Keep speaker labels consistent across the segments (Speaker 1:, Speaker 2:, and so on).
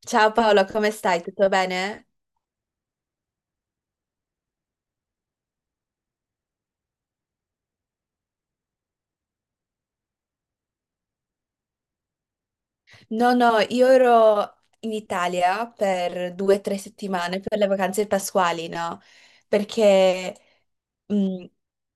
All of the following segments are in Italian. Speaker 1: Ciao Paolo, come stai? Tutto bene? No, no, io ero in Italia per 2 o 3 settimane per le vacanze pasquali, no? Perché mh,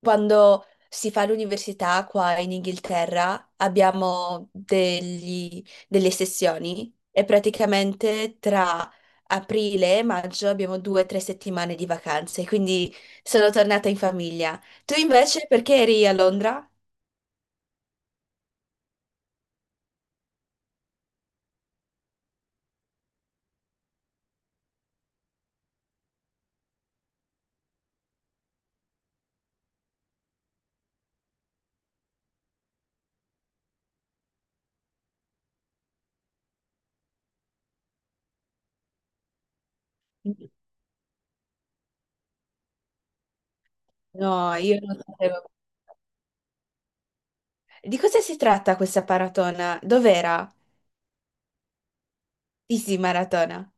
Speaker 1: quando si fa l'università qua in Inghilterra abbiamo delle sessioni e praticamente tra aprile e maggio abbiamo 2 o 3 settimane di vacanze, quindi sono tornata in famiglia. Tu invece perché eri a Londra? No, io non sapevo. Di cosa si tratta questa maratona? Dov'era? Easy Maratona.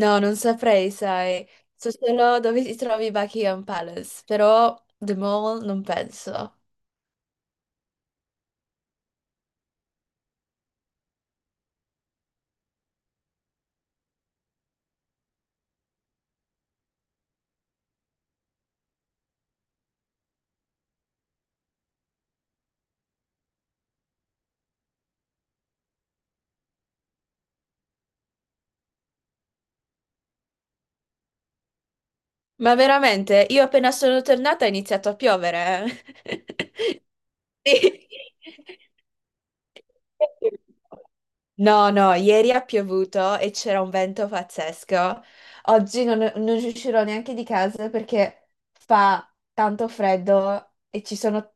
Speaker 1: No, non saprei, sai. So solo dove si trovi Buckingham Palace, però The Mall non penso. Ma veramente, io appena sono tornata ha iniziato a piovere. eh. Sì. No, no, ieri ha piovuto e c'era un vento pazzesco. Oggi non uscirò neanche di casa perché fa tanto freddo e ci sono...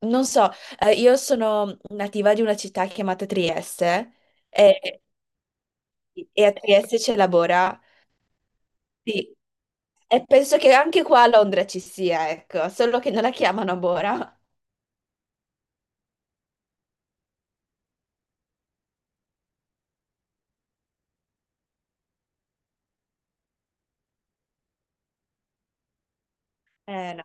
Speaker 1: Non so, io sono nativa di una città chiamata Trieste e, e a Trieste c'è la Bora. Sì. E penso che anche qua a Londra ci sia, ecco, solo che non la chiamano Bora. No.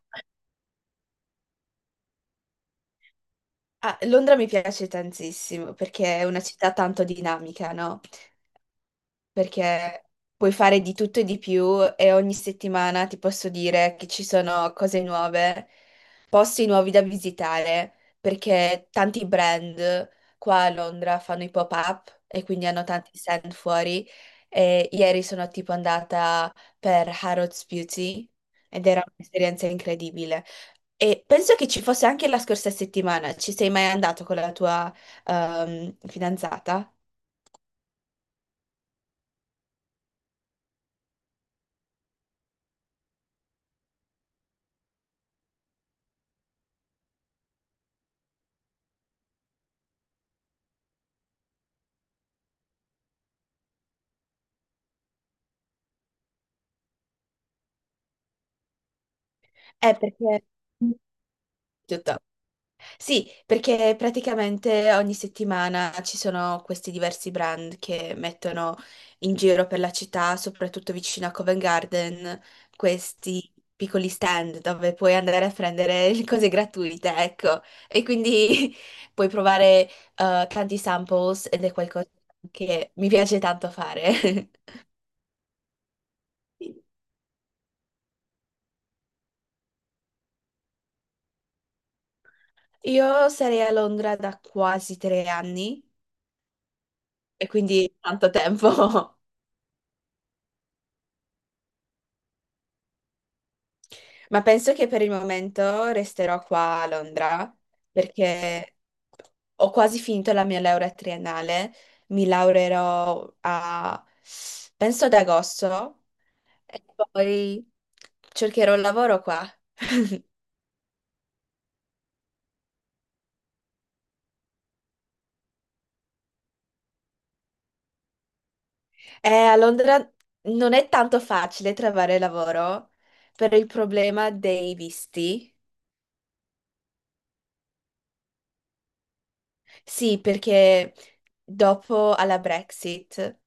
Speaker 1: Ah, Londra mi piace tantissimo perché è una città tanto dinamica, no? Perché puoi fare di tutto e di più e ogni settimana ti posso dire che ci sono cose nuove, posti nuovi da visitare, perché tanti brand qua a Londra fanno i pop-up e quindi hanno tanti stand fuori e ieri sono tipo andata per Harrods Beauty ed era un'esperienza incredibile. E penso che ci fosse anche la scorsa settimana. Ci sei mai andato con la tua fidanzata? Perché tutto. Sì, perché praticamente ogni settimana ci sono questi diversi brand che mettono in giro per la città, soprattutto vicino a Covent Garden, questi piccoli stand dove puoi andare a prendere le cose gratuite, ecco. E quindi puoi provare tanti samples ed è qualcosa che mi piace tanto fare. Io sarei a Londra da quasi 3 anni e quindi tanto tempo. Ma penso che per il momento resterò qua a Londra perché ho quasi finito la mia laurea triennale, mi laureerò a, penso ad agosto, e poi cercherò un lavoro qua. A Londra non è tanto facile trovare lavoro per il problema dei visti. Sì, perché dopo alla Brexit.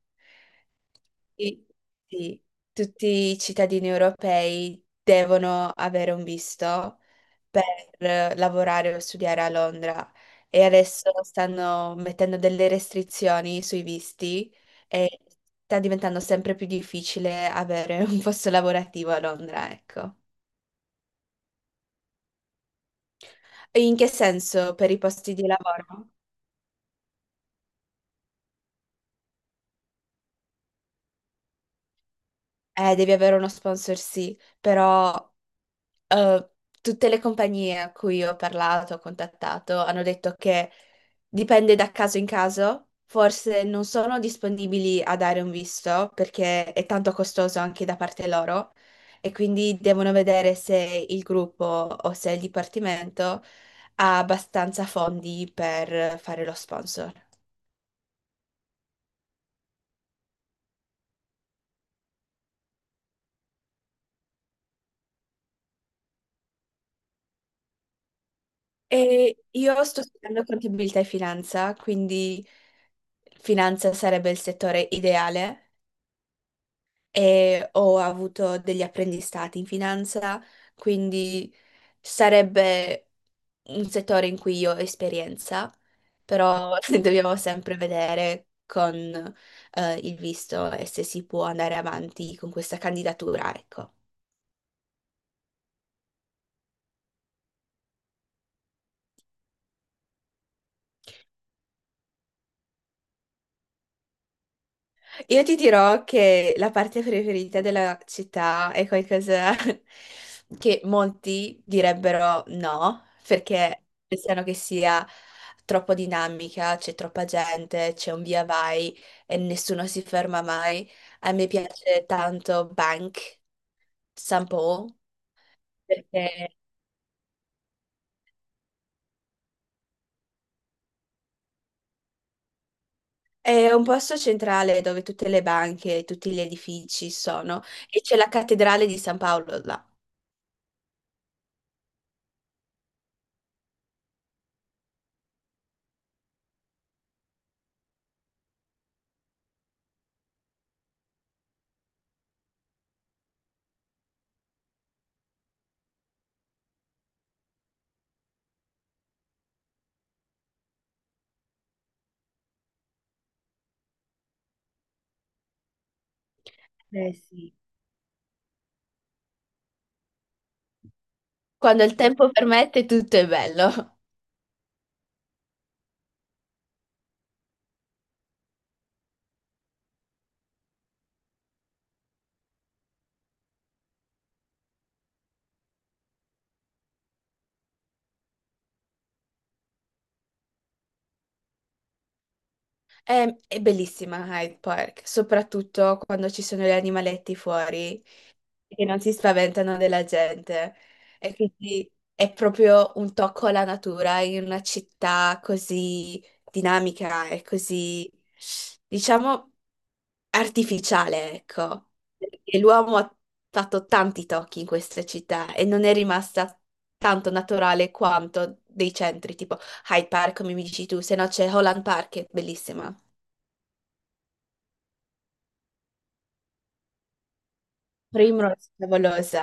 Speaker 1: Sì, sì. Tutti i cittadini europei devono avere un visto per lavorare o studiare a Londra e adesso stanno mettendo delle restrizioni sui visti e sta diventando sempre più difficile avere un posto lavorativo a Londra, ecco. E in che senso per i posti di lavoro? Devi avere uno sponsor, sì, però eh, tutte le compagnie a cui ho parlato, ho contattato, hanno detto che dipende da caso in caso, forse non sono disponibili a dare un visto perché è tanto costoso anche da parte loro e quindi devono vedere se il gruppo o se il dipartimento ha abbastanza fondi per fare lo sponsor. E io sto studiando contabilità e finanza, quindi finanza sarebbe il settore ideale e ho avuto degli apprendistati in finanza, quindi sarebbe un settore in cui io ho esperienza, però dobbiamo sempre vedere con il visto e se si può andare avanti con questa candidatura, ecco. Io ti dirò che la parte preferita della città è qualcosa che molti direbbero no, perché pensano che sia troppo dinamica, c'è troppa gente, c'è un via vai e nessuno si ferma mai. A me piace tanto Bank, San Paul, perché è un posto centrale dove tutte le banche, tutti gli edifici sono e c'è la cattedrale di San Paolo là. Eh sì. Quando il tempo permette, tutto è bello. È bellissima Hyde Park, soprattutto quando ci sono gli animaletti fuori che non si spaventano della gente. E quindi è proprio un tocco alla natura in una città così dinamica e così, diciamo, artificiale, ecco, perché l'uomo ha fatto tanti tocchi in queste città e non è rimasta tanto naturale quanto dei centri, tipo Hyde Park, come mi dici tu, se no c'è Holland Park, che è bellissima. Primrose, favolosa.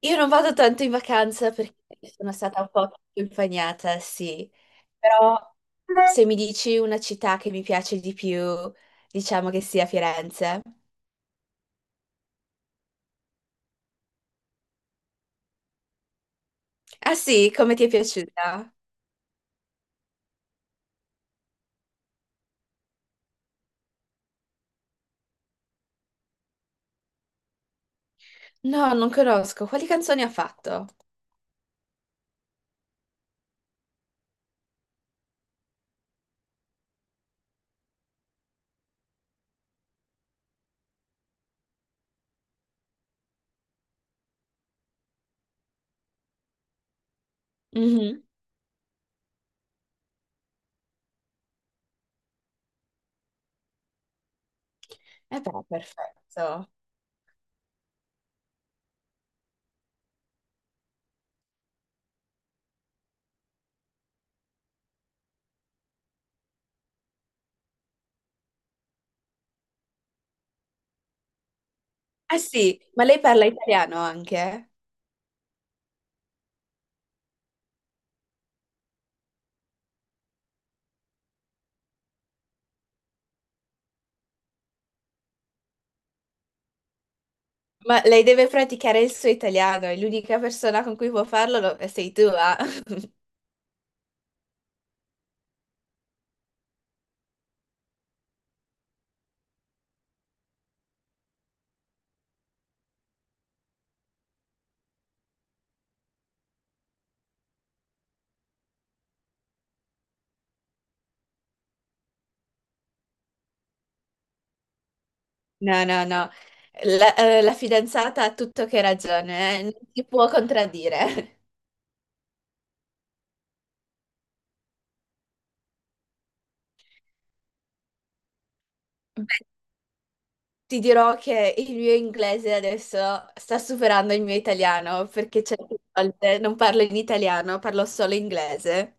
Speaker 1: Io non vado tanto in vacanza perché sono stata un po' più impagnata, sì, però se mi dici una città che mi piace di più, diciamo che sia Firenze. Ah sì, come ti è piaciuta? No, non conosco. Quali canzoni ha fatto? Mhm. Eh beh, perfetto. Ah sì, ma lei parla italiano anche? Ma lei deve praticare il suo italiano e l'unica persona con cui può farlo, sei tu, ah. No, no, no. La fidanzata ha tutto che ragione, non ti può contraddire. Beh, ti dirò che il mio inglese adesso sta superando il mio italiano perché certe volte non parlo in italiano, parlo solo inglese.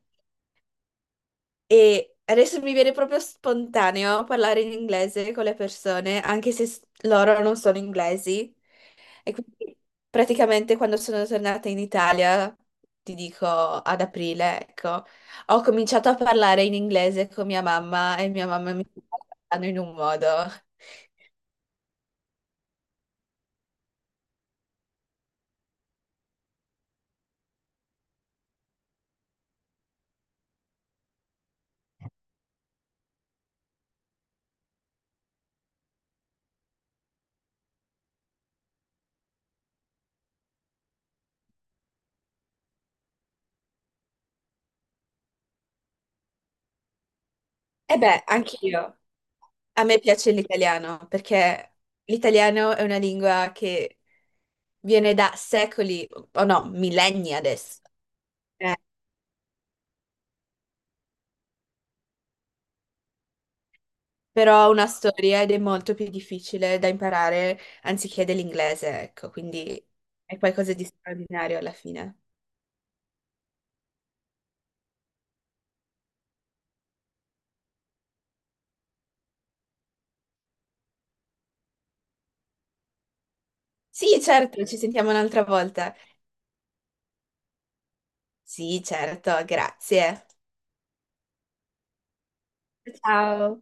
Speaker 1: E adesso mi viene proprio spontaneo parlare in inglese con le persone, anche se loro non sono inglesi. E quindi praticamente quando sono tornata in Italia, ti dico ad aprile, ecco, ho cominciato a parlare in inglese con mia mamma e mia mamma mi sta parlando in un modo. E beh, anch'io. A me piace l'italiano perché l'italiano è una lingua che viene da secoli, o no, millenni adesso. Eh, Però una storia ed è molto più difficile da imparare anziché dell'inglese, ecco, quindi è qualcosa di straordinario alla fine. Sì, certo, ci sentiamo un'altra volta. Sì, certo, grazie. Ciao.